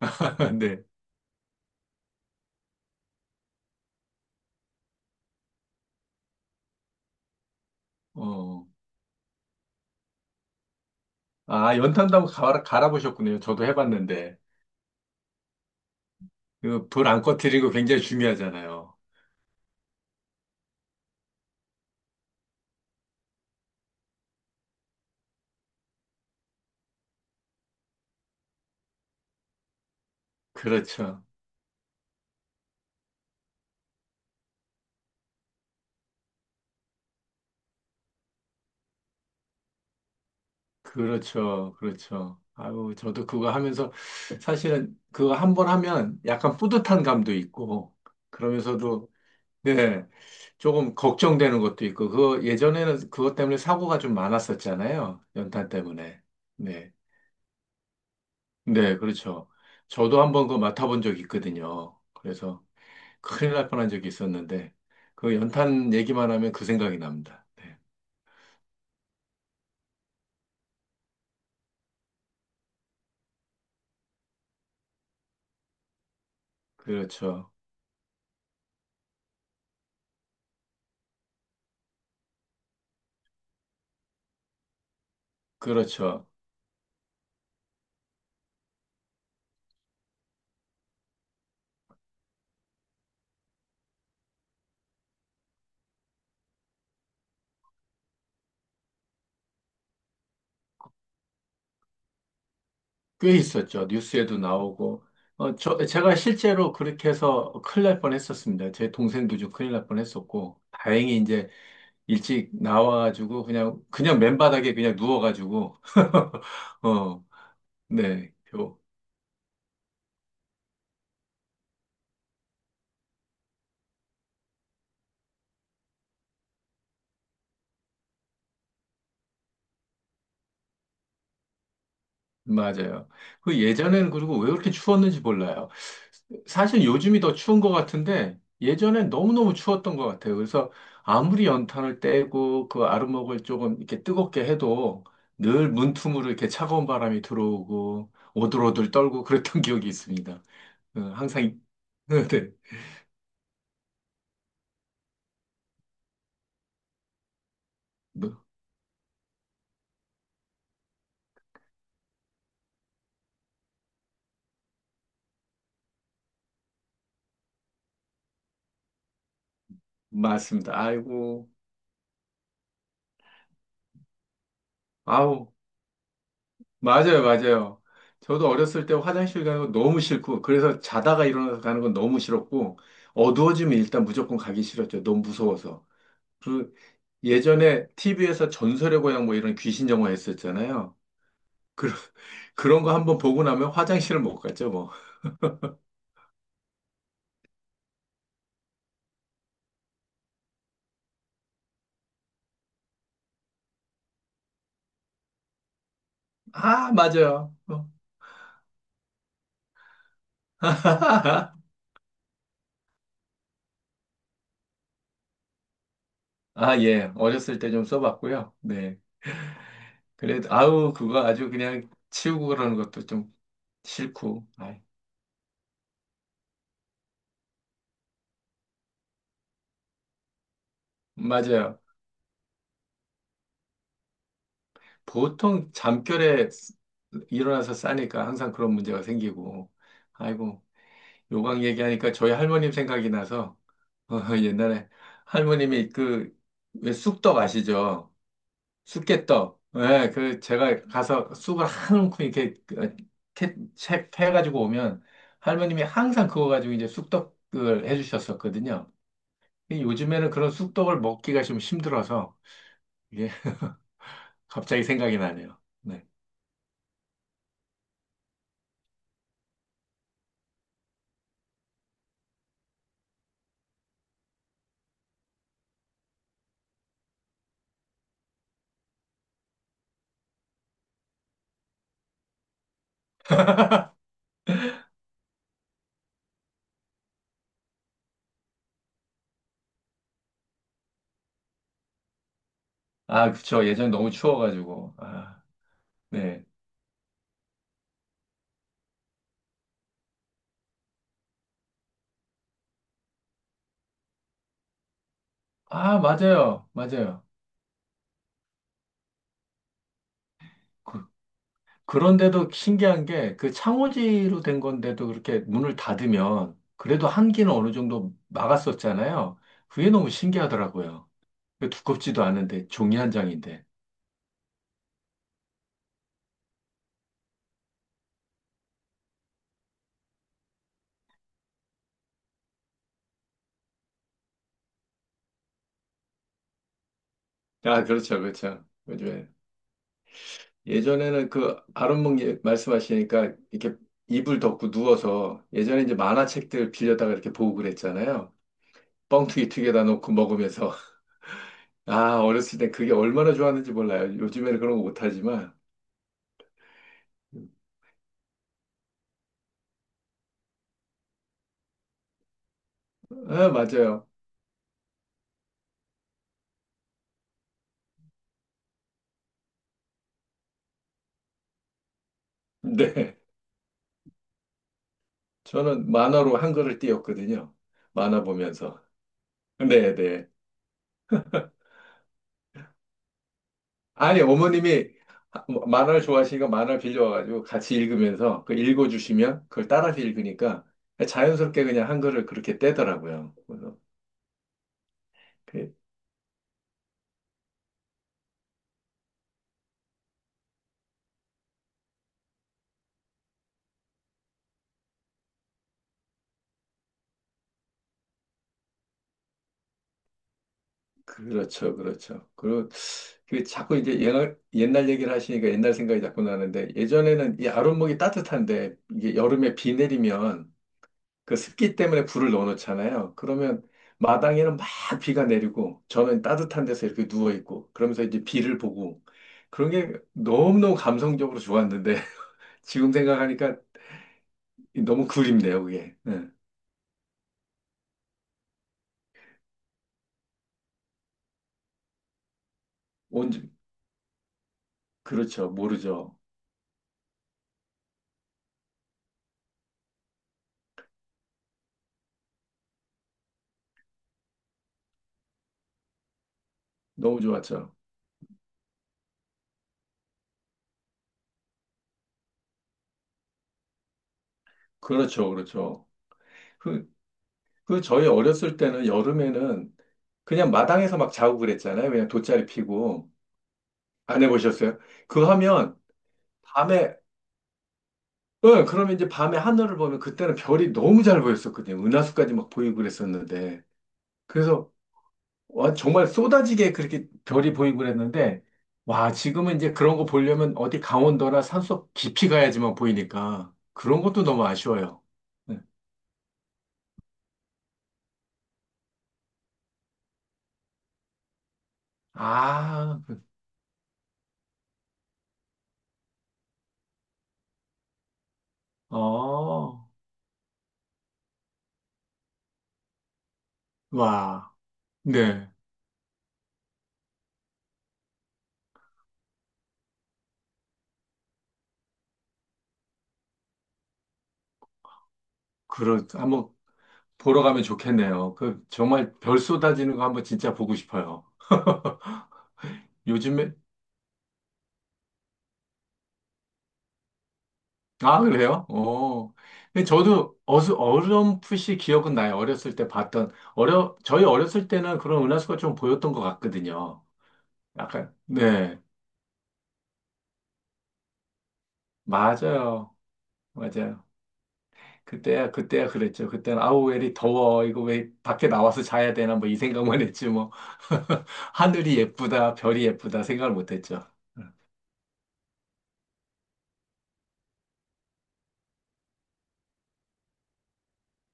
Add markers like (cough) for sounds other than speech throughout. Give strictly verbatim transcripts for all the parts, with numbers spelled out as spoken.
(laughs) 네. 어. 아, 연탄도 갈아, 갈아보셨군요. 저도 해봤는데. 불안 꺼뜨리고 굉장히 중요하잖아요. 그렇죠. 그렇죠. 그렇죠. 아유, 저도 그거 하면서 사실은 그거 한번 하면 약간 뿌듯한 감도 있고, 그러면서도, 네, 조금 걱정되는 것도 있고, 그 예전에는 그것 때문에 사고가 좀 많았었잖아요. 연탄 때문에. 네. 네, 그렇죠. 저도 한번 그거 맡아본 적이 있거든요. 그래서 큰일 날 뻔한 적이 있었는데, 그 연탄 얘기만 하면 그 생각이 납니다. 네. 그렇죠. 그렇죠. 꽤 있었죠. 뉴스에도 나오고. 어, 저, 제가 실제로 그렇게 해서 큰일 날 뻔했었습니다. 제 동생도 좀 큰일 날 뻔했었고, 다행히 이제 일찍 나와가지고 그냥 그냥 맨바닥에 그냥 누워가지고, (laughs) 어, 네, 맞아요. 그 예전에는 그리고 왜 그렇게 추웠는지 몰라요. 사실 요즘이 더 추운 것 같은데 예전엔 너무너무 추웠던 것 같아요. 그래서 아무리 연탄을 떼고 그 아랫목을 조금 이렇게 뜨겁게 해도 늘 문틈으로 이렇게 차가운 바람이 들어오고 오들오들 떨고 그랬던 (laughs) 기억이 있습니다. 어, 항상, 이- (laughs) 네, 네. 뭐, 맞습니다. 아이고, 아우. 맞아요, 맞아요. 저도 어렸을 때 화장실 가는 거 너무 싫고, 그래서 자다가 일어나서 가는 건 너무 싫었고, 어두워지면 일단 무조건 가기 싫었죠. 너무 무서워서. 그 예전에 티비에서 전설의 고향 뭐 이런 귀신 영화 했었잖아요. 그, 그런 거 한번 보고 나면 화장실을 못 갔죠, 뭐. 아, 맞아요. 어. (laughs) 아, 예. 어렸을 때 좀 써봤고요. 네. 그래도, 아우, 그거 아주 그냥 치우고 그러는 것도 좀 싫고. 아이, 맞아요. 보통 잠결에 일어나서 싸니까 항상 그런 문제가 생기고, 아이고, 요강 얘기하니까 저희 할머님 생각이 나서, (laughs) 어, 옛날에 할머님이 그, 왜 쑥떡 아시죠? 쑥개떡. 예, 그, 제가 가서 쑥을 한 움큼 이렇게 그, 캐, 채, 가지고 오면 할머님이 항상 그거 가지고 이제 쑥떡을 해주셨었거든요. 근데 요즘에는 그런 쑥떡을 먹기가 좀 힘들어서 이게 (laughs) 갑자기 생각이 나네요. 네. 아, 그쵸. 예전에 너무 추워가지고. 아, 네. 아, 맞아요. 맞아요. 그, 그런데도 신기한 게 그 창호지로 된 건데도 그렇게 문을 닫으면 그래도 한기는 어느 정도 막았었잖아요. 그게 너무 신기하더라고요. 그 두껍지도 않은데 종이 한 장인데. 아, 그렇죠. 그렇죠. 요즘에. 예전에는 그 아랫목 예- 말씀하시니까 이렇게 이불 덮고 누워서 예전에 이제 만화책들 빌려다가 이렇게 보고 그랬잖아요. 뻥튀기 튀겨다 놓고 먹으면서 아, 어렸을 때 그게 얼마나 좋았는지 몰라요. 요즘에는 그런 거 못하지만. 아, 맞아요. 네. 저는 만화로 한글을 띄웠거든요. 만화 보면서. 네, 네. 아니, 어머님이 만화를 좋아하시니까 만화를 빌려와가지고 같이 읽으면서 그 읽어주시면 그걸 따라서 읽으니까 자연스럽게 그냥 한글을 그렇게 떼더라고요. 그래서 그렇죠, 그렇죠. 그리고 그 자꾸 이제 옛날, 옛날 얘기를 하시니까 옛날 생각이 자꾸 나는데 예전에는 이 아랫목이 따뜻한데 이게 여름에 비 내리면 그 습기 때문에 불을 넣어놓잖아요. 그러면 마당에는 막 비가 내리고 저는 따뜻한 데서 이렇게 누워 있고 그러면서 이제 비를 보고 그런 게 너무너무 감성적으로 좋았는데 (laughs) 지금 생각하니까 너무 그립네요, 그게. 예. 온 그렇죠, 모르죠. 너무 좋았죠. 그렇죠, 그렇죠. 그 그 저희 어렸을 때는 여름에는 그냥 마당에서 막 자고 그랬잖아요. 그냥 돗자리 피고. 안 해보셨어요? 그거 하면 밤에, 응, 그러면 이제 밤에 하늘을 보면 그때는 별이 너무 잘 보였었거든요. 은하수까지 막 보이고 그랬었는데. 그래서, 와, 정말 쏟아지게 그렇게 별이 보이고 그랬는데, 와, 지금은 이제 그런 거 보려면 어디 강원도나 산속 깊이 가야지만 보이니까 그런 것도 너무 아쉬워요. 네. 아, 그- 어, 와, 네. 그렇, 한번 보러 가면 좋겠네요. 그 정말 별 쏟아지는 거 한번 진짜 보고 싶어요. 요즘에 아 그래요? 어. 근데 저도 어수 어렴풋이 기억은 나요. 어렸을 때 봤던 어려 저희 어렸을 때는 그런 은하수가 좀 보였던 것 같거든요. 약간 네 맞아요 맞아요. 그때야 그때야 그랬죠. 그때는 아우 왜 이리 더워 이거 왜 밖에 나와서 자야 되나 뭐 이 생각만 했지 뭐 (laughs) 하늘이 예쁘다 별이 예쁘다 생각을 못했죠.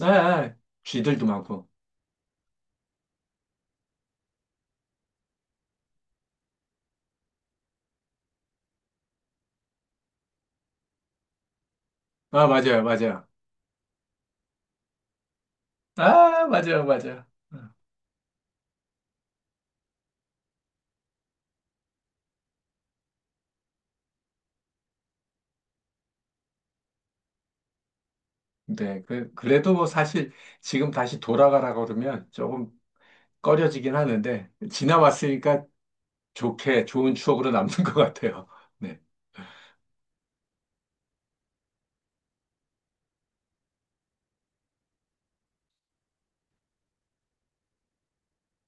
아, 아, 쥐들도 많고. 아, 맞아요, 맞아요. 아, 맞아요, 맞아요. 어, 네, 그, 그래도 뭐 사실 지금 다시 돌아가라고 그러면 조금 꺼려지긴 하는데, 지나왔으니까 좋게, 좋은 추억으로 남는 (laughs) 것 같아요. 네.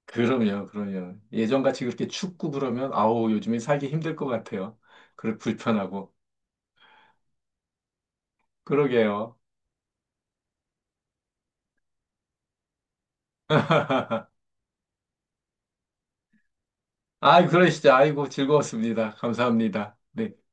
그럼요, 그럼요. 예전같이 그렇게 춥고 그러면, 아우, 요즘에 살기 힘들 것 같아요. 그래, 불편하고. 그러게요. 아, 그러시죠. 아이고, 즐거웠습니다. 감사합니다. 네.